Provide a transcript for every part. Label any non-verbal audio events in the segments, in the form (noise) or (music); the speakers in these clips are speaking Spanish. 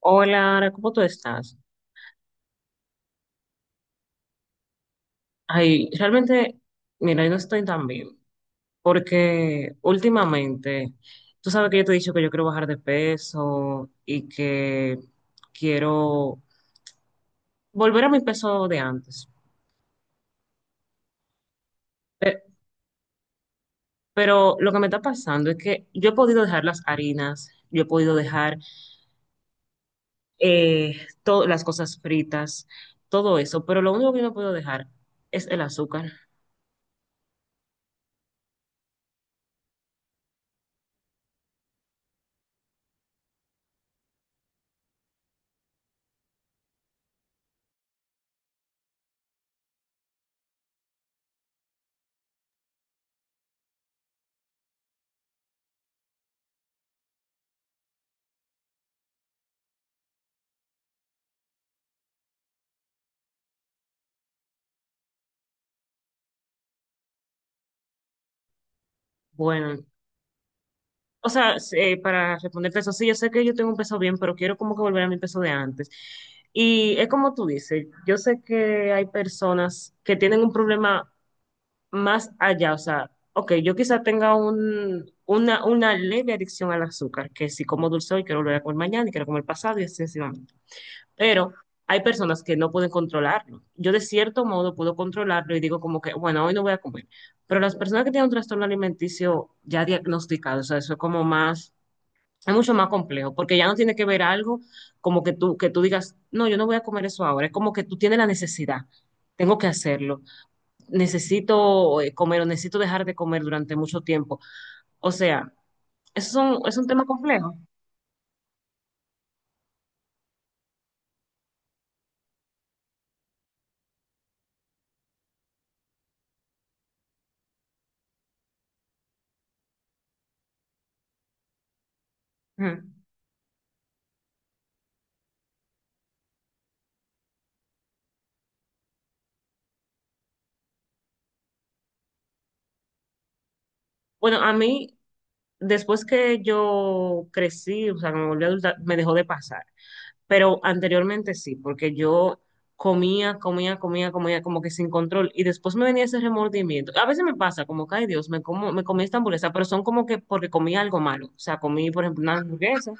Hola, Ara, ¿cómo tú estás? Ay, realmente, mira, yo no estoy tan bien, porque últimamente, tú sabes que yo te he dicho que yo quiero bajar de peso y que quiero volver a mi peso de antes. Pe- Pero, lo que me está pasando es que yo he podido dejar las harinas, yo he podido dejar eh, todas las cosas fritas, todo eso, pero lo único que no puedo dejar es el azúcar. Bueno, o sea, para responderte eso, sí, yo sé que yo tengo un peso bien, pero quiero como que volver a mi peso de antes. Y es como tú dices, yo sé que hay personas que tienen un problema más allá, o sea, ok, yo quizá tenga una leve adicción al azúcar, que si como dulce hoy quiero volver a comer mañana y quiero comer pasado y así sucesivamente. Pero hay personas que no pueden controlarlo. Yo de cierto modo puedo controlarlo y digo como que, bueno, hoy no voy a comer. Pero las personas que tienen un trastorno alimenticio ya diagnosticado, o sea, eso es como más es mucho más complejo, porque ya no tiene que ver algo como que tú digas, no, yo no voy a comer eso ahora. Es como que tú tienes la necesidad, tengo que hacerlo, necesito comer o necesito dejar de comer durante mucho tiempo. O sea, eso es un tema complejo. Ujú. Bueno, a mí, después que yo crecí, o sea, me volví adulta, me dejó de pasar. Pero anteriormente sí, porque yo comía, comía, comía, comía como que sin control y después me venía ese remordimiento. A veces me pasa como que, ay, Dios, me comí esta hamburguesa, pero son como que porque comí algo malo, o sea, comí, por ejemplo, una hamburguesa.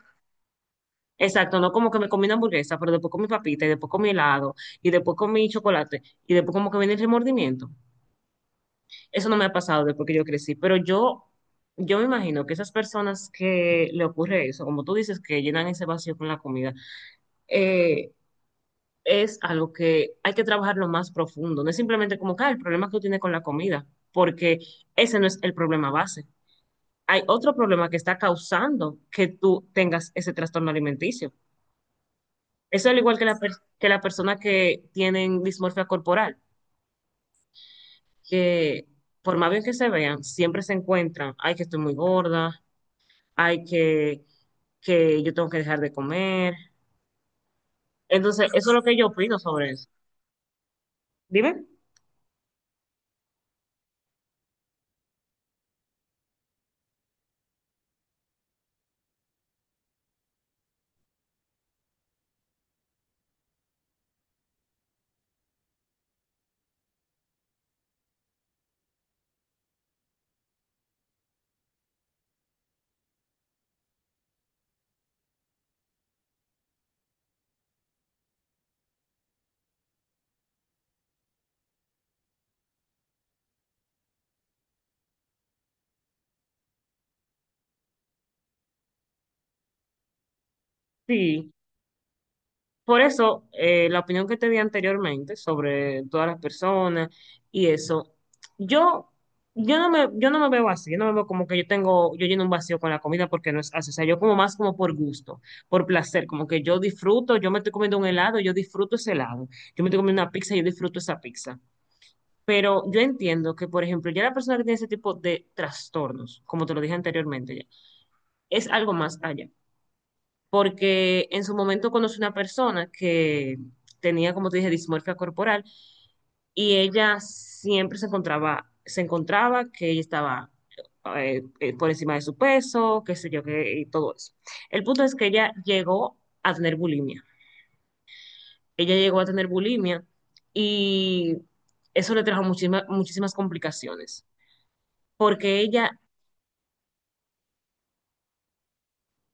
Exacto, no como que me comí una hamburguesa, pero después comí papita y después comí helado y después comí chocolate y después como que viene el remordimiento. Eso no me ha pasado después que yo crecí, pero yo me imagino que esas personas que le ocurre eso, como tú dices, que llenan ese vacío con la comida, eh, es algo que hay que trabajarlo más profundo. No es simplemente como que ah, el problema que tú tienes con la comida, porque ese no es el problema base. Hay otro problema que está causando que tú tengas ese trastorno alimenticio. Eso es al igual que que la persona que tienen dismorfia corporal, que por más bien que se vean, siempre se encuentran, ay, que estoy muy gorda, ay, que yo tengo que dejar de comer. Entonces, eso es lo que yo opino sobre eso. Dime. Sí. Por eso, la opinión que te di anteriormente sobre todas las personas y eso, yo, yo no me veo así, yo no me veo como que yo lleno un vacío con la comida porque no es así, o sea, yo como más como por gusto, por placer, como que yo disfruto, yo me estoy comiendo un helado, yo disfruto ese helado, yo me estoy comiendo una pizza, yo disfruto esa pizza. Pero yo entiendo que, por ejemplo, ya la persona que tiene ese tipo de trastornos, como te lo dije anteriormente, ya, es algo más allá porque en su momento conocí una persona que tenía, como te dije, dismorfia corporal y ella siempre se encontraba que ella estaba por encima de su peso, qué sé yo, y todo eso. El punto es que ella llegó a tener bulimia. Ella llegó a tener bulimia y eso le trajo muchísimas complicaciones, porque ella.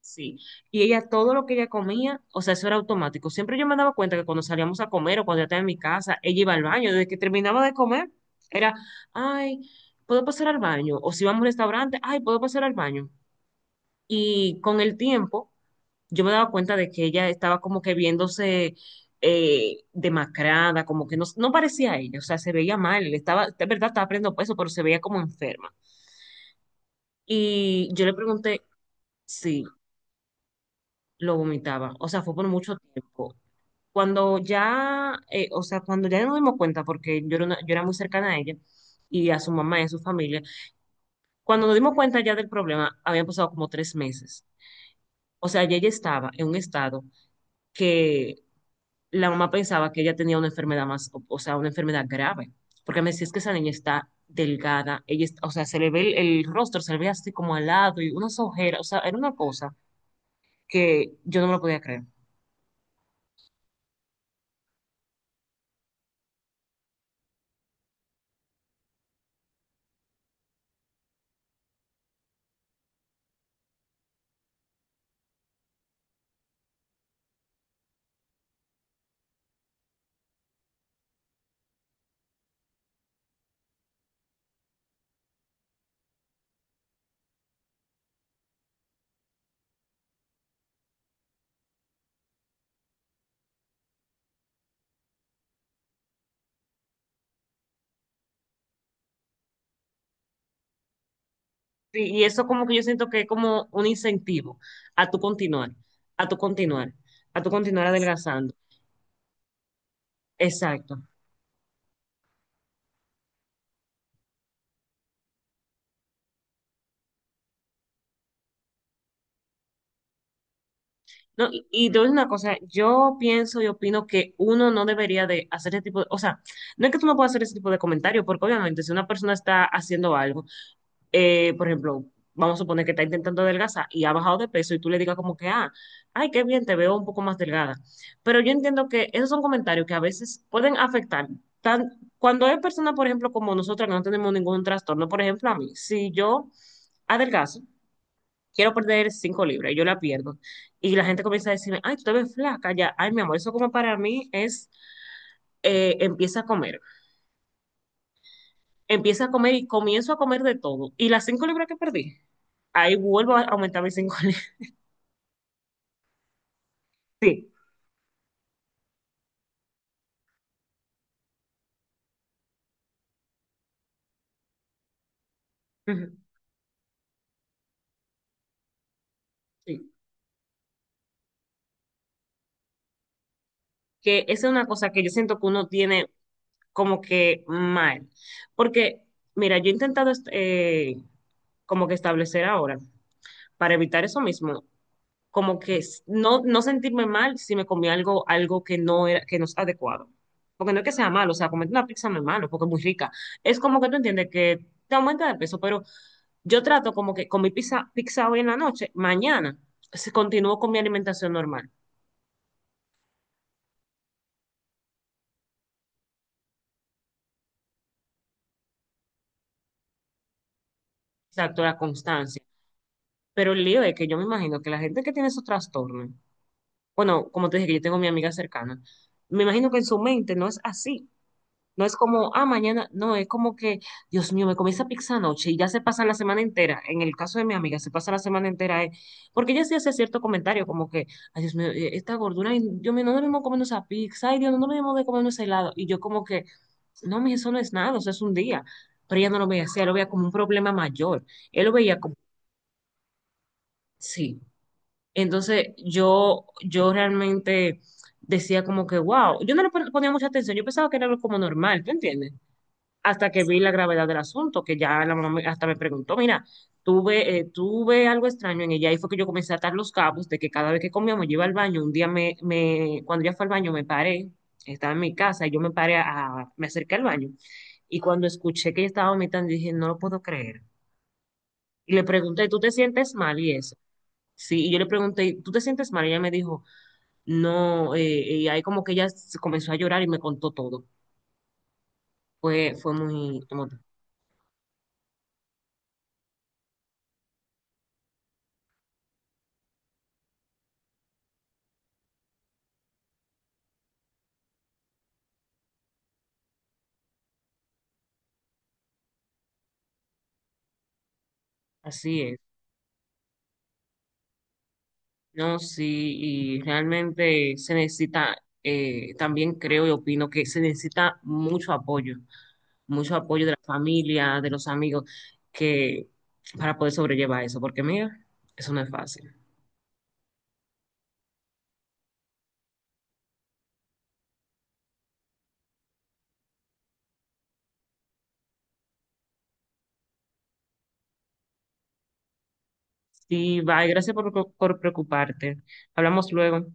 Sí, y ella todo lo que ella comía, o sea, eso era automático. Siempre yo me daba cuenta que cuando salíamos a comer o cuando yo estaba en mi casa, ella iba al baño. Desde que terminaba de comer, era, ay, ¿puedo pasar al baño? O si vamos a un restaurante, ay, ¿puedo pasar al baño? Y con el tiempo, yo me daba cuenta de que ella estaba como que viéndose demacrada, como que no parecía a ella, o sea, se veía mal, de verdad estaba perdiendo peso, pero se veía como enferma. Y yo le pregunté si lo vomitaba, o sea, fue por mucho tiempo. Cuando ya, o sea, cuando ya nos dimos cuenta, porque yo era, yo era muy cercana a ella y a su mamá y a su familia, cuando nos dimos cuenta ya del problema, habían pasado como 3 meses. O sea, ya ella estaba en un estado que la mamá pensaba que ella tenía una enfermedad más, o sea, una enfermedad grave, porque me decía, es que esa niña está delgada, o sea, se le ve el rostro, se le ve así como al lado y unas ojeras, o sea, era una cosa que yo no me lo podía creer. Sí, y eso como que yo siento que es como un incentivo a tu continuar, a tu continuar, a tu continuar adelgazando. Exacto. No, y te voy a decir una cosa, yo pienso y opino que uno no debería de hacer ese tipo de, o sea, no es que tú no puedas hacer ese tipo de comentario, porque obviamente si una persona está haciendo algo, por ejemplo, vamos a suponer que está intentando adelgazar y ha bajado de peso y tú le digas como que, ah, ay, qué bien, te veo un poco más delgada. Pero yo entiendo que esos son comentarios que a veces pueden afectar. Tan, Cuando hay personas, por ejemplo, como nosotras que no tenemos ningún trastorno, por ejemplo, a mí, si yo adelgazo, quiero perder 5 libras, y yo la pierdo. Y la gente comienza a decirme, ay, tú te ves flaca ya, ay, mi amor, eso como para mí es, empieza a comer. Empiezo a comer y comienzo a comer de todo. Y las 5 libras que perdí, ahí vuelvo a aumentar mis 5 libras. (laughs) Sí. Ujú, sí. Que esa es una cosa que yo siento que uno tiene como que mal. Porque, mira, yo he intentado como que establecer ahora, para evitar eso mismo, como que no sentirme mal si me comí algo, que no es adecuado. Porque no es que sea malo, o sea, comerte una pizza no es malo, porque es muy rica. Es como que tú entiendes que te aumenta de peso, pero yo trato como que con mi pizza, pizza hoy en la noche, mañana se continúo con mi alimentación normal. Exacto, la constancia. Pero el lío es que yo me imagino que la gente que tiene esos trastornos, bueno, como te dije que yo tengo mi amiga cercana, me imagino que en su mente no es así. No es como, ah, mañana, no, es como que, Dios mío, me comí esa pizza anoche y ya se pasa la semana entera. En el caso de mi amiga, se pasa la semana entera. Porque ella sí hace cierto comentario, como que, ay, Dios mío, esta gordura, ay, Dios mío, no debemos comer esa pizza, ay, Dios, no debemos de comer ese helado. Y yo como que, no, eso no es nada, eso es un día. Pero ella no lo veía así, ella lo veía como un problema mayor. Él lo veía como, sí. Entonces yo realmente decía como que, wow, yo no le ponía mucha atención, yo pensaba que era algo como normal, ¿tú entiendes? Hasta que vi la gravedad del asunto, que ya la mamá hasta me preguntó, mira, tuve algo extraño en ella, y fue que yo comencé a atar los cabos de que cada vez que comíamos yo iba al baño, un día cuando ya fue al baño me paré, estaba en mi casa, y yo me acerqué al baño, y cuando escuché que ella estaba vomitando, dije, no lo puedo creer. Y le pregunté, ¿tú te sientes mal? Y eso. Sí, y yo le pregunté, ¿tú te sientes mal? Y ella me dijo, no, y ahí como que ella se comenzó a llorar y me contó todo. Fue, fue muy, como- Así es. No, sí, y realmente se necesita, también creo y opino que se necesita mucho apoyo de la familia, de los amigos, que para poder sobrellevar eso, porque mira, eso no es fácil. Sí, bye, gracias por preocuparte. Hablamos luego.